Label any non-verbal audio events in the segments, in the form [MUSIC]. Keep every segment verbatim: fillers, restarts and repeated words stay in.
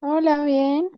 Hola, bien.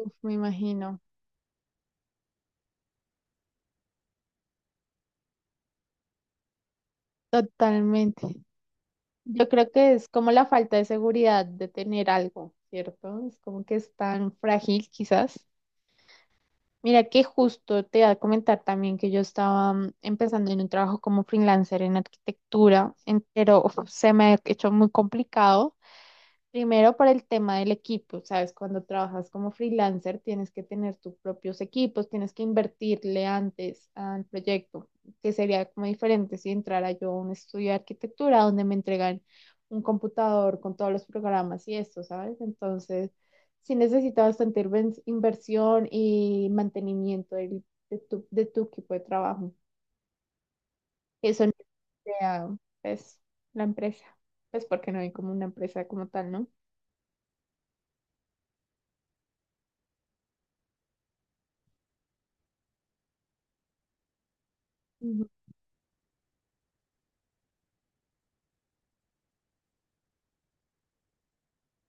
Uf, me imagino, totalmente. Yo creo que es como la falta de seguridad de tener algo, ¿cierto? Es como que es tan frágil, quizás. Mira que justo te iba a comentar también que yo estaba mm, empezando en un trabajo como freelancer en arquitectura, en- pero uf, se me ha hecho muy complicado. Primero por el tema del equipo, sabes, cuando trabajas como freelancer tienes que tener tus propios equipos, tienes que invertirle antes al proyecto, que sería como diferente si entrara yo a un estudio de arquitectura donde me entregan un computador con todos los programas y esto, ¿sabes? Entonces, sí necesitas bastante inven- inversión y mantenimiento del- de tu, de tu equipo de trabajo. Eso no sea, pues, la empresa, pues porque no hay como una empresa como tal, ¿no? Ujú.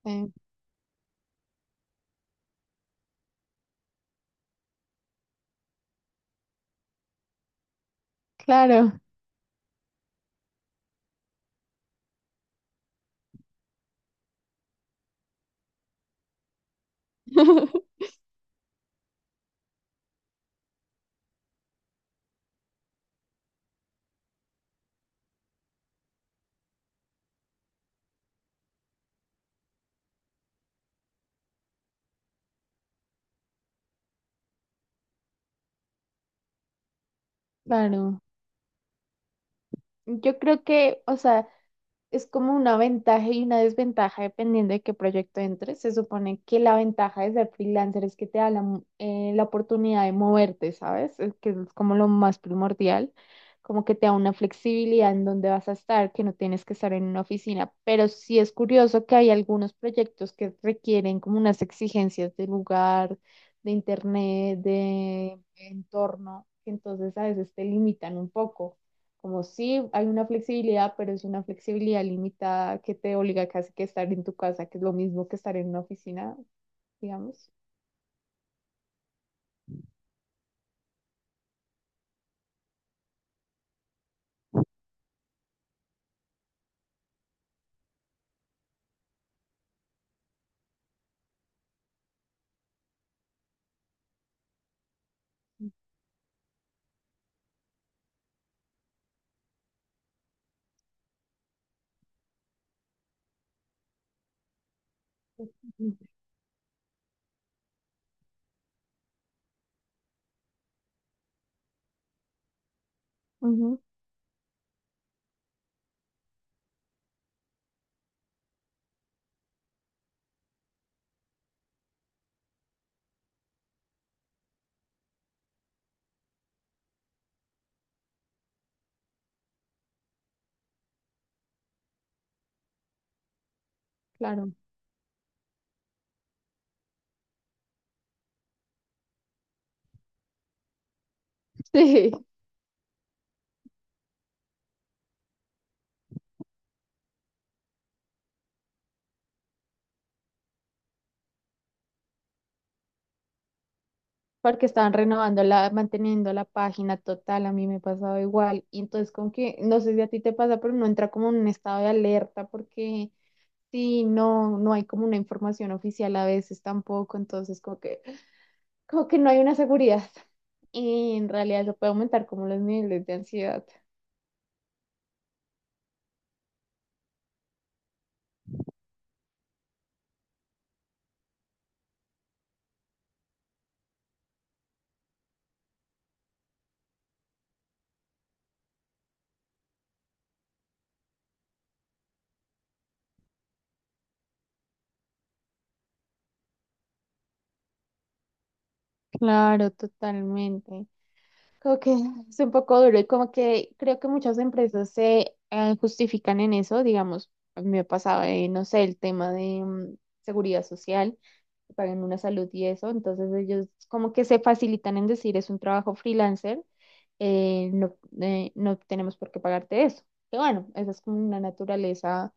Sí. Claro, [LAUGHS] claro. Yo creo que, o sea, es como una ventaja y una desventaja dependiendo de qué proyecto entres. Se supone que la ventaja de ser freelancer es que te da la, mo- eh, la oportunidad de moverte, ¿sabes? Es que es como lo más primordial, como que te da una flexibilidad en dónde vas a estar, que no tienes que estar en una oficina. Pero sí es curioso que hay algunos proyectos que requieren como unas exigencias de lugar, de internet, de entorno, que entonces a veces te limitan un poco. Como sí, hay una flexibilidad, pero es una flexibilidad limitada que te obliga casi que a estar en tu casa, que es lo mismo que estar en una oficina, digamos. Ujú, ujú, claro. [LAUGHS] Sí, porque estaban renovando la, manteniendo la página total, a mí me pasaba igual. Y entonces como que, no sé si a ti te pasa, pero no entra como en un estado de alerta porque sí, no, no hay como una información oficial a veces tampoco, entonces como que, como que no hay una seguridad. Y en realidad eso puede aumentar como los niveles de ansiedad. Claro, totalmente. Creo que es un poco duro y como que creo que muchas empresas se eh, justifican en eso, digamos, a mí me ha pasado, eh, no sé, el tema de mm, seguridad social, que pagan una salud y eso, entonces ellos como que se facilitan en decir es un trabajo freelancer, eh, no, eh, no tenemos por qué pagarte eso. Que bueno, esa es como una naturaleza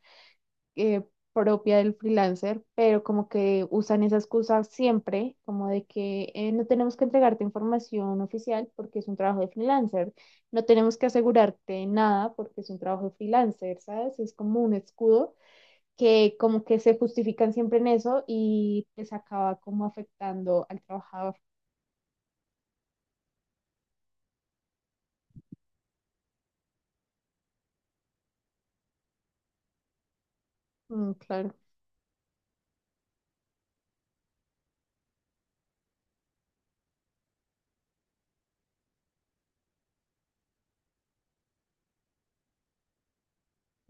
eh, propia del freelancer, pero como que usan esa excusa siempre, como de que eh, no tenemos que entregarte información oficial porque es un trabajo de freelancer, no tenemos que asegurarte nada porque es un trabajo de freelancer, ¿sabes? Es como un escudo que como que se justifican siempre en eso y les acaba como afectando al trabajador. Mm, claro.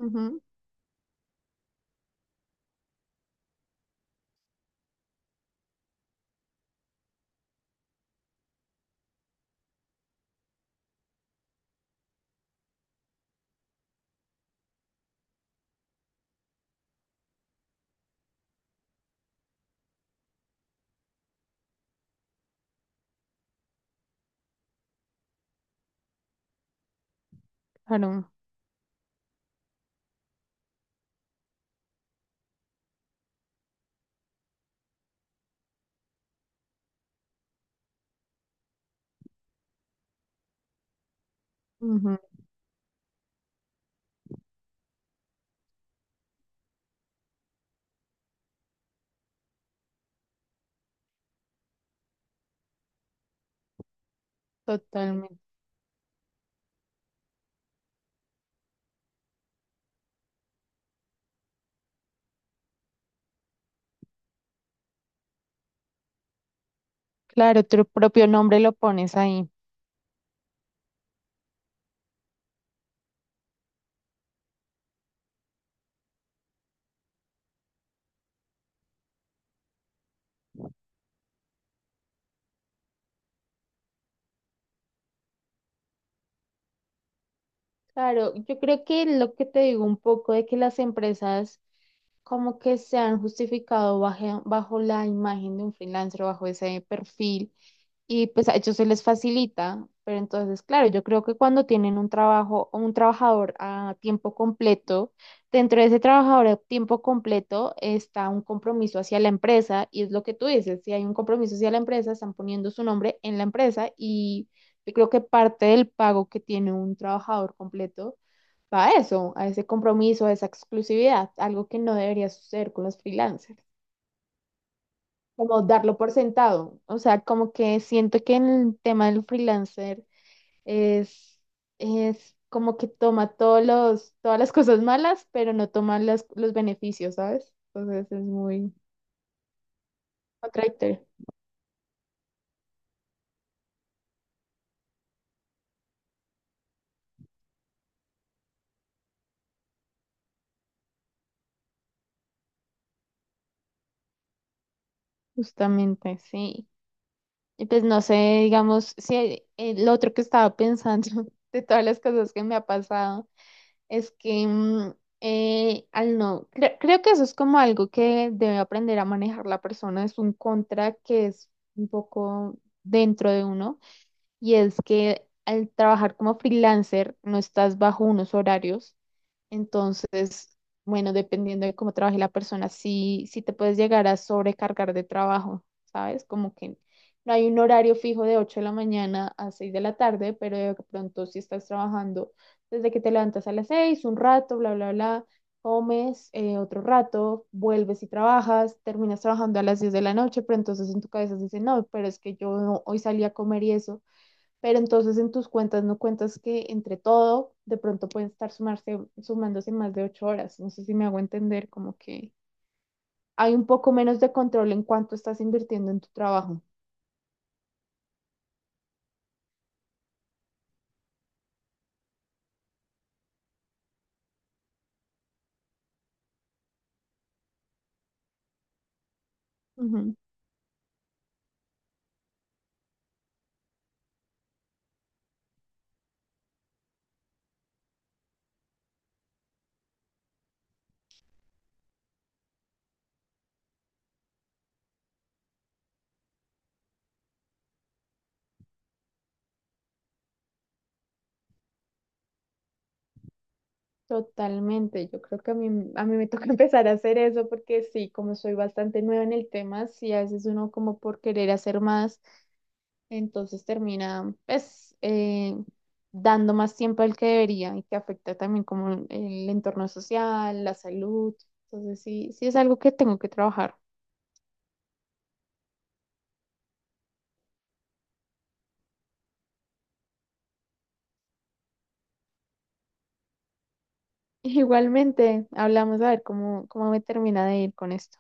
Ujú, claro. Ujú, totalmente. Claro, tu propio nombre lo pones ahí. Claro, yo creo que lo que te digo un poco de que las empresas como que se han justificado baje- bajo, la imagen de un freelancer, bajo ese perfil, y pues a ellos se les facilita, pero entonces, claro, yo creo que cuando tienen un trabajo, un trabajador a tiempo completo, dentro de ese trabajador a tiempo completo está un compromiso hacia la empresa, y es lo que tú dices, si hay un compromiso hacia la empresa, están poniendo su nombre en la empresa, y yo creo que parte del pago que tiene un trabajador completo va a eso, a ese compromiso, a esa exclusividad, algo que no debería suceder con los freelancers, como darlo por sentado. O sea, como que siento que en el tema del freelancer es, es como que toma todos los, todas las cosas malas, pero no toma las- los beneficios, ¿sabes? Entonces es muy contradictorio, justamente, sí. Y pues no sé, digamos, si el otro que estaba pensando [LAUGHS] de todas las cosas que me ha pasado. Es que mm, eh, al no, cre- creo que eso es como algo que debe aprender a manejar la persona, es un contra que es un poco dentro de uno y es que al trabajar como freelancer no estás bajo unos horarios, entonces, bueno, dependiendo de cómo trabaje la persona, sí, sí te puedes llegar a sobrecargar de trabajo, ¿sabes? Como que no hay un horario fijo de ocho de la mañana a seis de la tarde, pero de pronto si estás trabajando desde que te levantas a las seis un rato, bla, bla, bla, comes eh, otro rato, vuelves y trabajas, terminas trabajando a las diez de la noche, pero entonces en tu cabeza dices, no, pero es que yo hoy salí a comer y eso. Pero entonces en tus cuentas no cuentas que entre todo de pronto pueden estar sumarse, sumándose más de ocho horas. No sé si me hago entender, como que hay un poco menos de control en cuánto estás invirtiendo en tu trabajo. Ujú. Totalmente. Yo creo que a mí, a mí me toca [LAUGHS] empezar a hacer eso porque sí, como soy bastante nueva en el tema, sí, a veces uno como por querer hacer más. Entonces termina, pues, eh, dando más tiempo al que debería y que afecta también como el el entorno social, la salud. Entonces sí, sí es algo que tengo que trabajar. [LAUGHS] Igualmente, hablamos a ver cómo, cómo me termina de ir con esto.